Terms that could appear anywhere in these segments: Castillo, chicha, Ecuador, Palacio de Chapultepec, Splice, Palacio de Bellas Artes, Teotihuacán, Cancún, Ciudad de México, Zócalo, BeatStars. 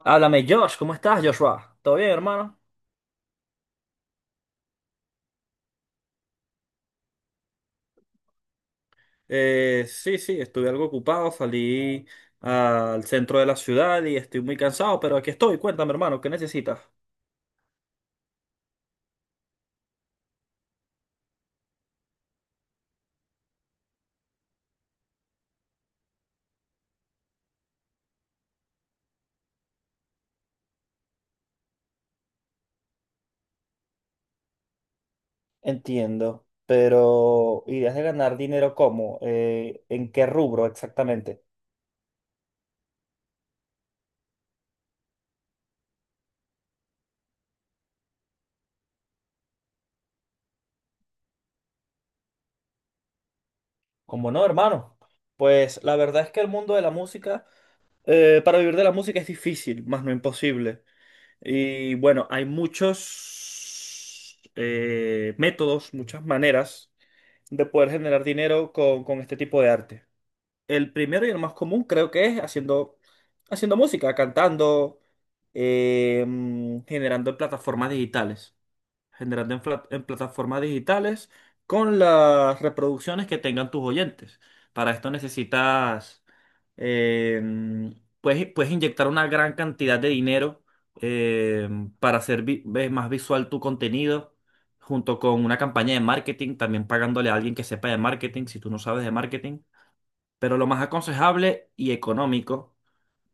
Háblame, Josh, ¿cómo estás, Joshua? ¿Todo bien, hermano? Sí, estuve algo ocupado, salí al centro de la ciudad y estoy muy cansado, pero aquí estoy. Cuéntame, hermano, ¿qué necesitas? Entiendo, pero ¿ideas de ganar dinero cómo? ¿En qué rubro exactamente? ¿Cómo no, hermano? Pues la verdad es que el mundo de la música, para vivir de la música es difícil, más no imposible. Y bueno, hay muchos métodos, muchas maneras de poder generar dinero con este tipo de arte. El primero y el más común creo que es haciendo música, cantando, generando plataformas digitales, generando en plataformas digitales con las reproducciones que tengan tus oyentes. Para esto necesitas, eh, puedes inyectar una gran cantidad de dinero eh, para hacer más visual tu contenido, junto con una campaña de marketing, también pagándole a alguien que sepa de marketing, si tú no sabes de marketing. Pero lo más aconsejable y económico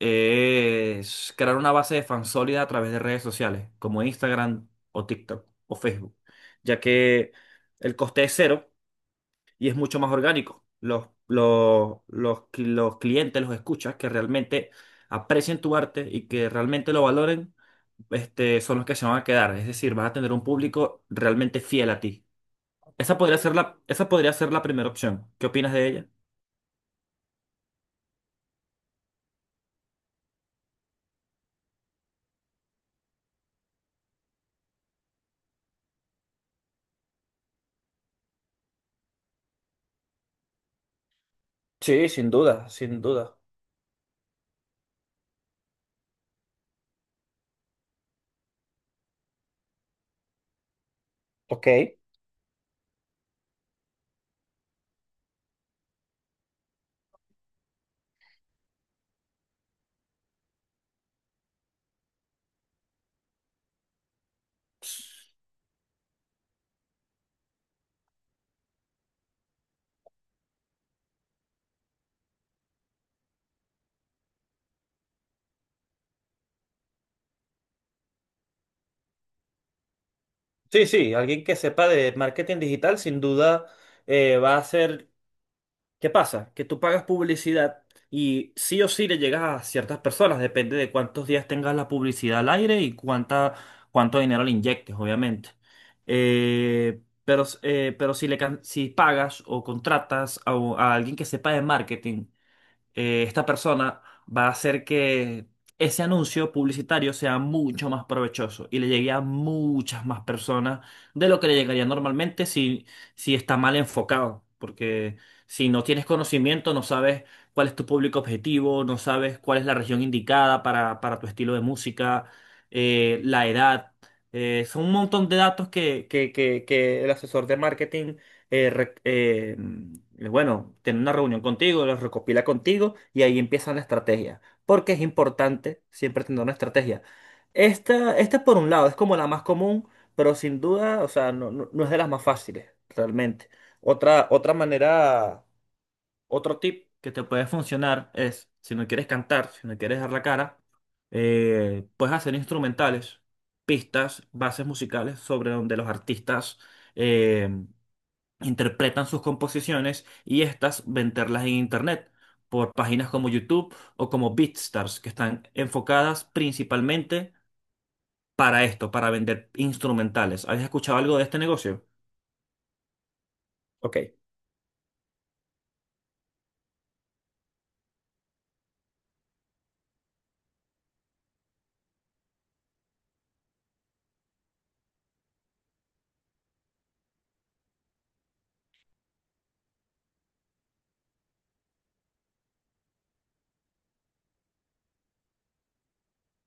es crear una base de fans sólida a través de redes sociales, como Instagram o TikTok o Facebook, ya que el coste es cero y es mucho más orgánico. Los clientes, los escuchas que realmente aprecien tu arte y que realmente lo valoren, son los que se van a quedar. Es decir, vas a tener un público realmente fiel a ti. Esa podría ser la primera opción. ¿Qué opinas de ella? Sí, sin duda, sin duda. Ok. Sí, sí, alguien que sepa de marketing digital sin duda va a ser... ¿Qué pasa? Que tú pagas publicidad y sí o sí le llegas a ciertas personas, depende de cuántos días tengas la publicidad al aire y cuánto dinero le inyectes, obviamente. Si pagas o contratas a alguien que sepa de marketing, esta persona va a hacer que ese anuncio publicitario sea mucho más provechoso y le llegue a muchas más personas de lo que le llegaría normalmente si está mal enfocado. Porque si no tienes conocimiento, no sabes cuál es tu público objetivo, no sabes cuál es la región indicada para tu estilo de música, la edad. Son un montón de datos que el asesor de marketing bueno, tener una reunión contigo, los recopila contigo y ahí empieza la estrategia. Porque es importante siempre tener una estrategia. Esta por un lado es como la más común, pero sin duda, o sea, no es de las más fáciles, realmente. Otra manera, otro tip que te puede funcionar es, si no quieres cantar, si no quieres dar la cara, puedes hacer instrumentales, pistas, bases musicales sobre donde los artistas eh, interpretan sus composiciones y estas venderlas en internet por páginas como YouTube o como BeatStars, que están enfocadas principalmente para esto, para vender instrumentales. ¿Habéis escuchado algo de este negocio? Ok.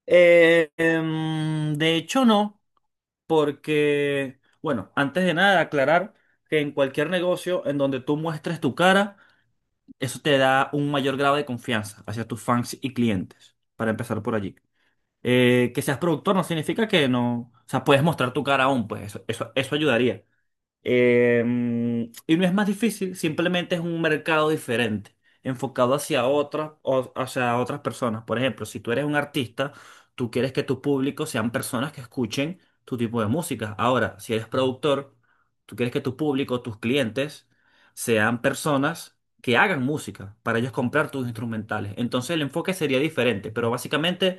De hecho, no, porque, bueno, antes de nada, aclarar que en cualquier negocio en donde tú muestres tu cara, eso te da un mayor grado de confianza hacia tus fans y clientes, para empezar por allí. Que seas productor no significa que no, o sea, puedes mostrar tu cara aún, pues eso ayudaría. Eh, y no es más difícil, simplemente es un mercado diferente, enfocado hacia hacia otras personas. Por ejemplo, si tú eres un artista, tú quieres que tu público sean personas que escuchen tu tipo de música. Ahora, si eres productor, tú quieres que tu público, tus clientes, sean personas que hagan música para ellos comprar tus instrumentales. Entonces el enfoque sería diferente, pero básicamente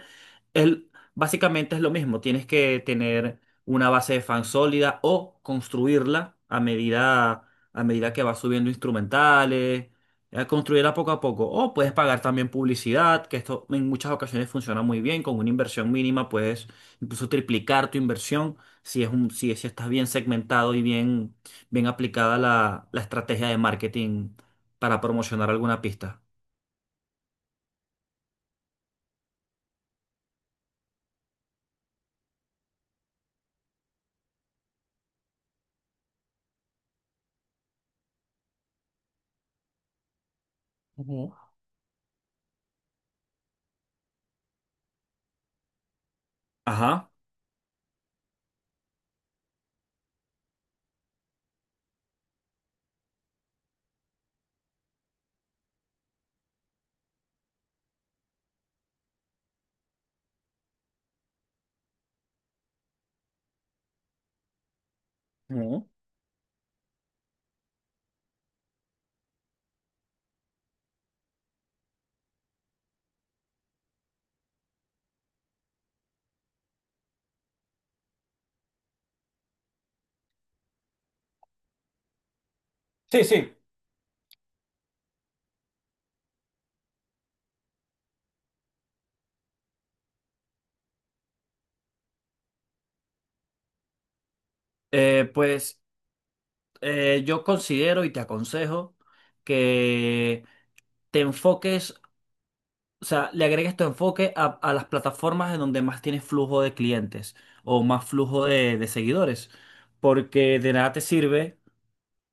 el, básicamente es lo mismo, tienes que tener una base de fans sólida o construirla a medida que vas subiendo instrumentales, construirla poco a poco. O puedes pagar también publicidad, que esto en muchas ocasiones funciona muy bien, con una inversión mínima puedes incluso triplicar tu inversión si si estás bien segmentado y bien aplicada la estrategia de marketing para promocionar alguna pista. Ujú. Ajá. Ujú. Sí, sí. Eh, pues yo considero y te aconsejo que te enfoques, o sea, le agregues tu enfoque a las plataformas en donde más tienes flujo de clientes o más flujo de seguidores, porque de nada te sirve,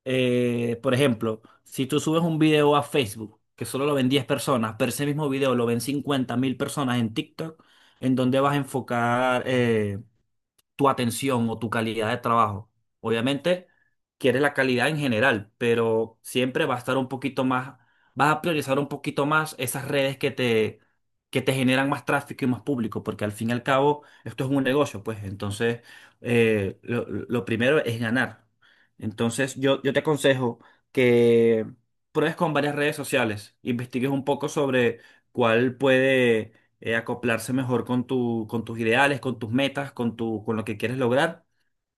por ejemplo, si tú subes un video a Facebook, que solo lo ven 10 personas, pero ese mismo video lo ven 50.000 personas en TikTok, ¿en donde vas a enfocar? Tu atención o tu calidad de trabajo. Obviamente, quieres la calidad en general, pero siempre va a estar un poquito más, vas a priorizar un poquito más esas redes que te generan más tráfico y más público, porque al fin y al cabo esto es un negocio, pues entonces lo primero es ganar. Entonces yo te aconsejo que pruebes con varias redes sociales, investigues un poco sobre cuál puede acoplarse mejor con con tus ideales, con tus metas, con lo que quieres lograr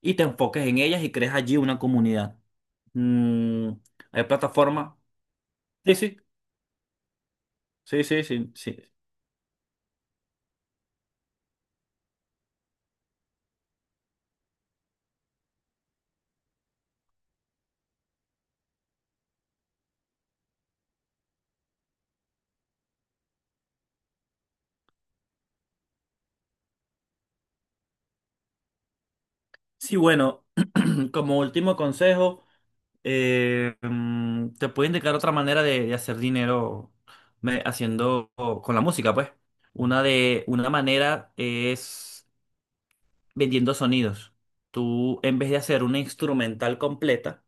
y te enfoques en ellas y crees allí una comunidad. Mm, hay plataformas. Sí, sí, sí, sí, sí, sí. Sí, bueno, como último consejo, te puedo indicar otra manera de hacer dinero haciendo con la música, pues. Una manera es vendiendo sonidos. Tú, en vez de hacer una instrumental completa,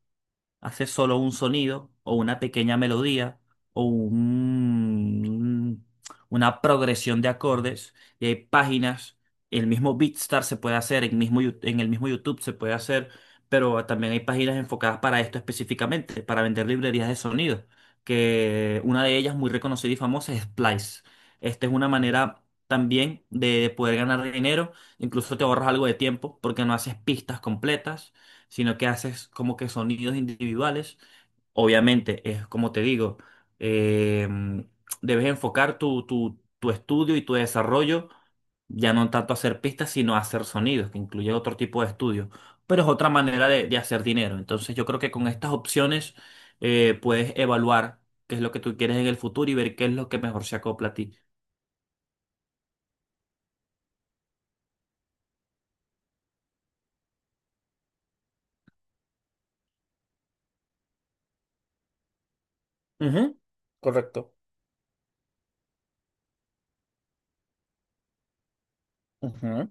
hace solo un sonido o una pequeña melodía o un- una progresión de acordes y hay páginas, el mismo Beatstar se puede hacer, en el mismo YouTube se puede hacer, pero también hay páginas enfocadas para esto específicamente, para vender librerías de sonido, que una de ellas muy reconocida y famosa es Splice. Esta es una manera también de poder ganar dinero, incluso te ahorras algo de tiempo porque no haces pistas completas sino que haces como que sonidos individuales. Obviamente, es como te digo, eh, debes enfocar tu estudio y tu desarrollo ya no tanto a hacer pistas, sino a hacer sonidos, que incluye otro tipo de estudios. Pero es otra manera de hacer dinero. Entonces yo creo que con estas opciones puedes evaluar qué es lo que tú quieres en el futuro y ver qué es lo que mejor se acopla a ti. Ujú. Correcto. Ujú.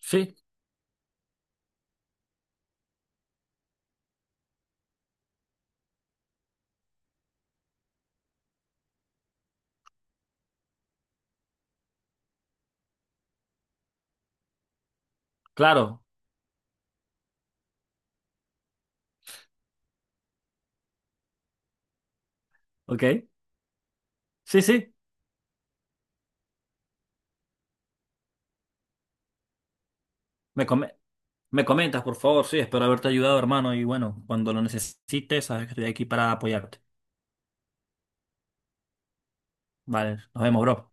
Sí, claro. Ok. Sí, sí. Me come. Me comentas, por favor, sí, espero haberte ayudado, hermano, y bueno, cuando lo necesites, sabes que estoy aquí para apoyarte. Vale, nos vemos, bro.